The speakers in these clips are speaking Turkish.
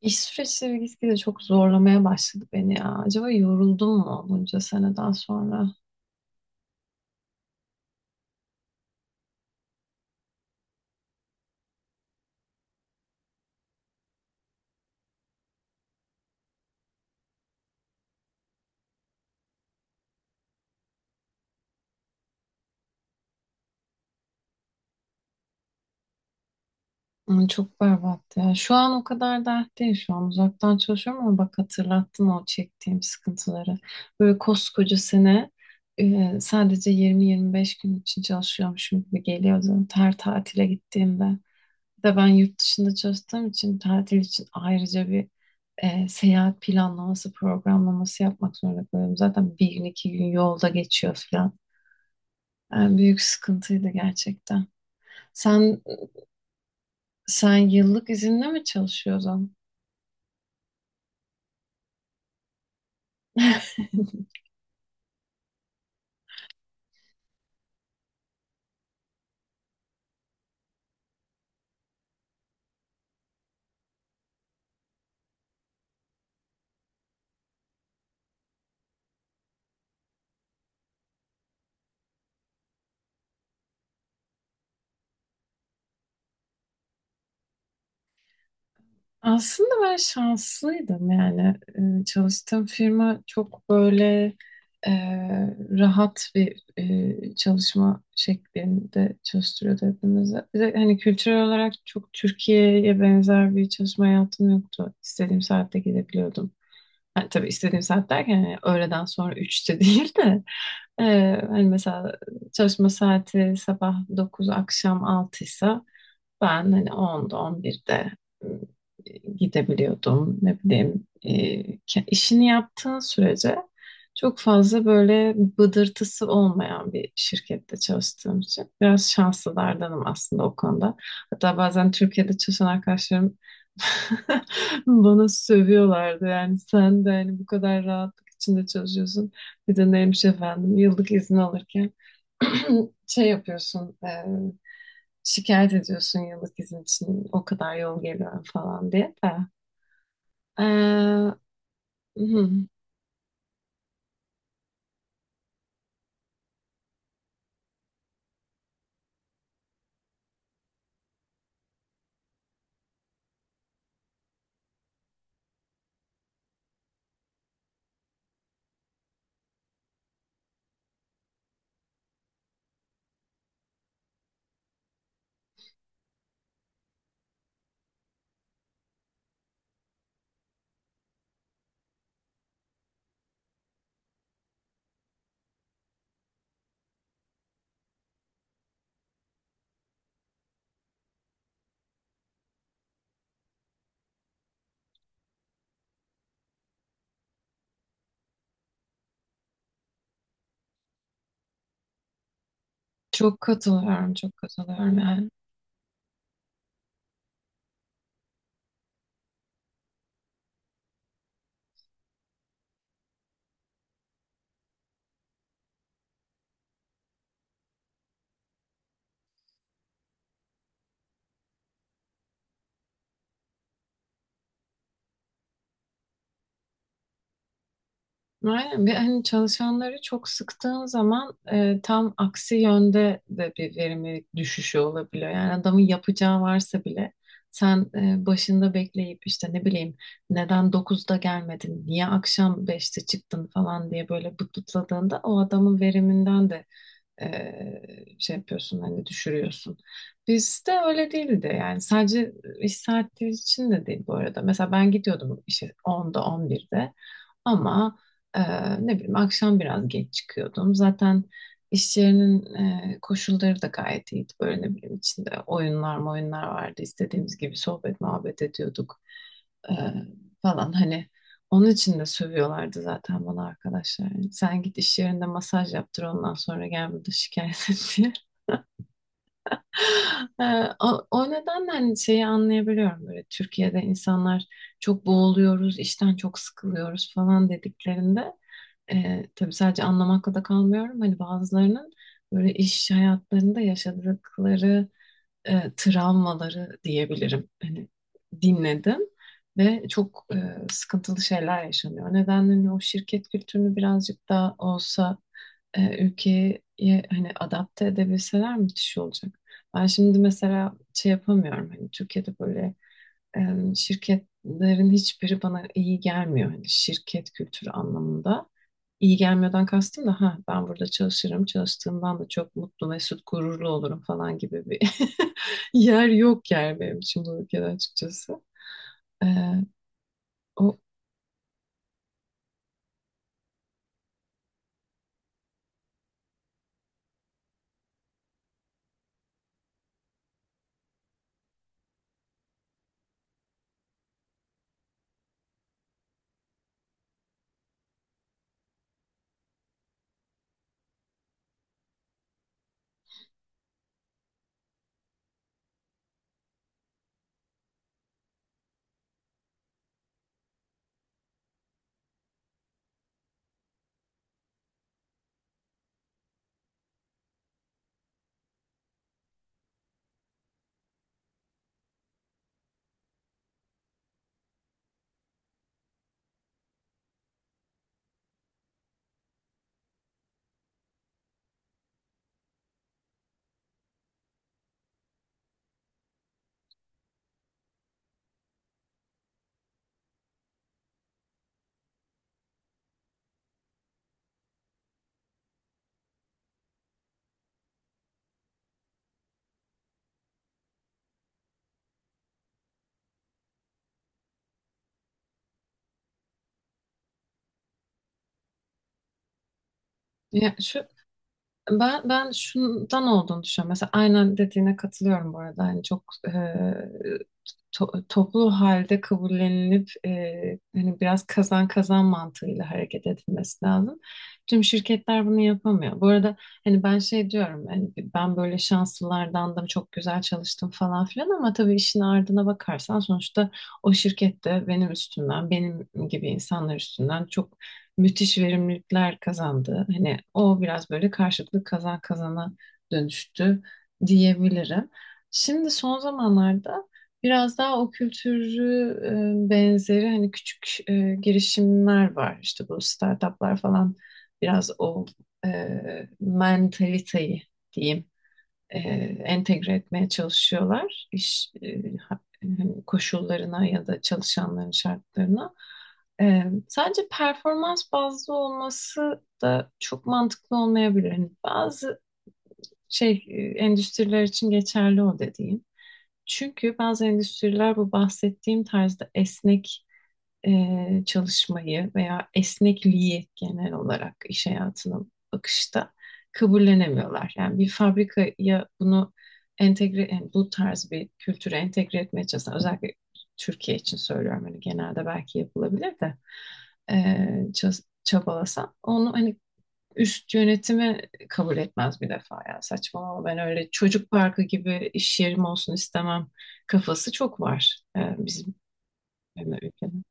İş süreçleri gitgide çok zorlamaya başladı beni ya. Acaba yoruldum mu bunca seneden sonra? Ay, çok berbat ya. Şu an o kadar dert değil. Şu an uzaktan çalışıyorum ama bak hatırlattın o çektiğim sıkıntıları. Böyle koskoca sene, sadece 20-25 gün için çalışıyormuşum gibi geliyordu. Her tatile gittiğimde. Bir de ben yurt dışında çalıştığım için tatil için ayrıca bir seyahat planlaması, programlaması yapmak zorunda kalıyorum. Zaten bir gün iki gün yolda geçiyor. Yani büyük sıkıntıydı gerçekten. Sen sen yıllık izinle mi çalışıyordun? Aslında ben şanslıydım yani. Çalıştığım firma çok böyle e, rahat bir çalışma şeklinde çalıştırıyordu hepimizi. Bir de hani kültürel olarak çok Türkiye'ye benzer bir çalışma hayatım yoktu. İstediğim saatte gidebiliyordum. Ha, tabii istediğim saat derken yani öğleden sonra üçte değil de, e, hani mesela çalışma saati sabah 9 akşam 6 ise ben hani 10'da 11'de ım, gidebiliyordum. Ne bileyim, işini yaptığın sürece çok fazla böyle bıdırtısı olmayan bir şirkette çalıştığım için biraz şanslılardanım aslında o konuda. Hatta bazen Türkiye'de çalışan arkadaşlarım bana sövüyorlardı. Yani sen de hani bu kadar rahatlık içinde çalışıyorsun. Bir de neymiş efendim yıllık izin alırken şey yapıyorsun, şikayet ediyorsun yıllık izin için o kadar yol geliyorum falan diye de. Ee, hı, Çok katılıyorum, çok katılıyorum yani. Aynen, bir hani çalışanları çok sıktığın zaman tam aksi yönde de bir verimlilik düşüşü olabiliyor. Yani adamın yapacağı varsa bile sen başında bekleyip işte ne bileyim neden dokuzda gelmedin, niye akşam beşte çıktın falan diye böyle bıtbıtladığında o adamın veriminden de şey yapıyorsun hani düşürüyorsun. Bizde öyle değildi yani, sadece iş saati için de değil bu arada. Mesela ben gidiyordum işe 10'da 11'de, ama e, ne bileyim akşam biraz geç çıkıyordum. Zaten iş yerinin koşulları da gayet iyiydi. Böyle ne bileyim içinde oyunlar oyunlar vardı. İstediğimiz gibi sohbet muhabbet ediyorduk e, falan, hani onun için de sövüyorlardı zaten bana arkadaşlar. Yani sen git iş yerinde masaj yaptır ondan sonra gel burada şikayet et diye. Ee, o nedenle hani şeyi anlayabiliyorum, böyle Türkiye'de insanlar çok boğuluyoruz, işten çok sıkılıyoruz falan dediklerinde, tabii sadece anlamakla da kalmıyorum. Hani bazılarının böyle iş hayatlarında yaşadıkları travmaları diyebilirim. Hani dinledim ve çok sıkıntılı şeyler yaşanıyor. O nedenle hani o şirket kültürünü birazcık daha olsa ülkeye hani adapte edebilseler müthiş olacak. Ben şimdi mesela şey yapamıyorum, hani Türkiye'de böyle şirketlerin hiçbiri bana iyi gelmiyor hani şirket kültürü anlamında. İyi gelmiyordan kastım da ha ben burada çalışırım çalıştığımdan da çok mutlu mesut gururlu olurum falan gibi bir yer yok yani benim için bu ülkede açıkçası. Ee, o, ya şu Ben ben şundan olduğunu düşünüyorum. Mesela aynen dediğine katılıyorum bu arada. Hani çok toplu halde kabullenilip, hani biraz kazan kazan mantığıyla hareket edilmesi lazım. Tüm şirketler bunu yapamıyor. Bu arada hani ben şey diyorum, hani ben böyle şanslılardandım çok güzel çalıştım falan filan, ama tabii işin ardına bakarsan sonuçta o şirkette benim üstümden, benim gibi insanlar üstünden çok müthiş verimlilikler kazandı. Hani o biraz böyle karşılıklı kazan kazana dönüştü diyebilirim. Şimdi son zamanlarda biraz daha o kültürü benzeri hani küçük girişimler var. İşte bu startuplar falan biraz o e, mentaliteyi diyeyim, e, entegre etmeye çalışıyorlar iş hani koşullarına ya da çalışanların şartlarına. E, sadece performans bazlı olması da çok mantıklı olmayabilir. Hani bazı endüstriler için geçerli o dediğim. Çünkü bazı endüstriler bu bahsettiğim tarzda esnek çalışmayı veya esnekliği genel olarak iş hayatına bakışta kabullenemiyorlar. Yani bir fabrikaya bunu entegre, yani bu tarz bir kültüre entegre etmeye çalışan, özellikle Türkiye için söylüyorum hani, genelde belki yapılabilir de e, çabalasan onu hani üst yönetimi kabul etmez bir defa, ya saçmalama ben öyle çocuk parkı gibi iş yerim olsun istemem kafası çok var bizim yani ülkede.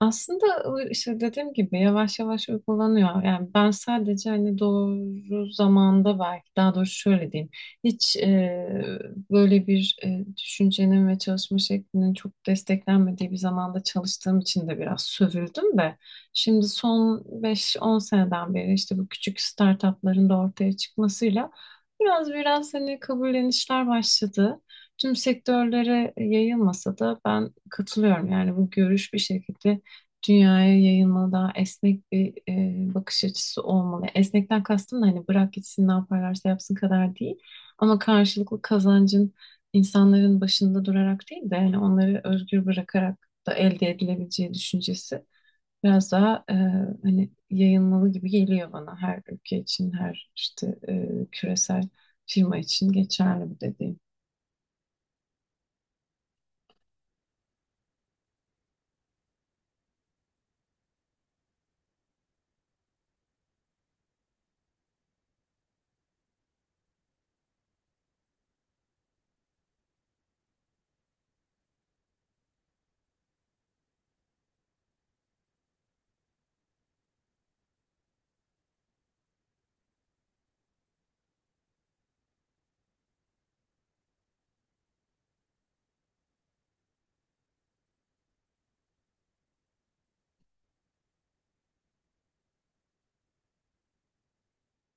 Aslında o işte dediğim gibi yavaş yavaş uygulanıyor. Yani ben sadece hani doğru zamanda, belki daha doğrusu şöyle diyeyim. Hiç e, Böyle bir düşüncenin ve çalışma şeklinin çok desteklenmediği bir zamanda çalıştığım için de biraz sövüldüm de. Şimdi son beş on seneden beri işte bu küçük startupların da ortaya çıkmasıyla biraz hani kabullenişler başladı. Tüm sektörlere yayılmasa da ben katılıyorum. Yani bu görüş bir şekilde dünyaya yayılmalı, daha esnek bir bakış açısı olmalı. Esnekten kastım da hani bırak gitsin ne yaparlarsa yapsın kadar değil. Ama karşılıklı kazancın insanların başında durarak değil de yani onları özgür bırakarak da elde edilebileceği düşüncesi biraz daha hani yayılmalı gibi geliyor bana her ülke için, her işte küresel firma için geçerli bu dediğim.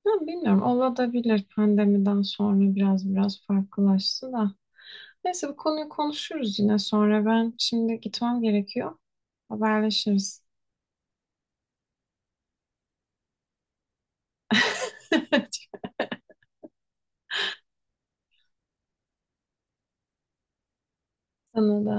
Ya bilmiyorum, olabilir, pandemiden sonra biraz farklılaştı da. Neyse, bu konuyu konuşuruz yine sonra. Ben şimdi gitmem gerekiyor. Haberleşiriz. Sana da.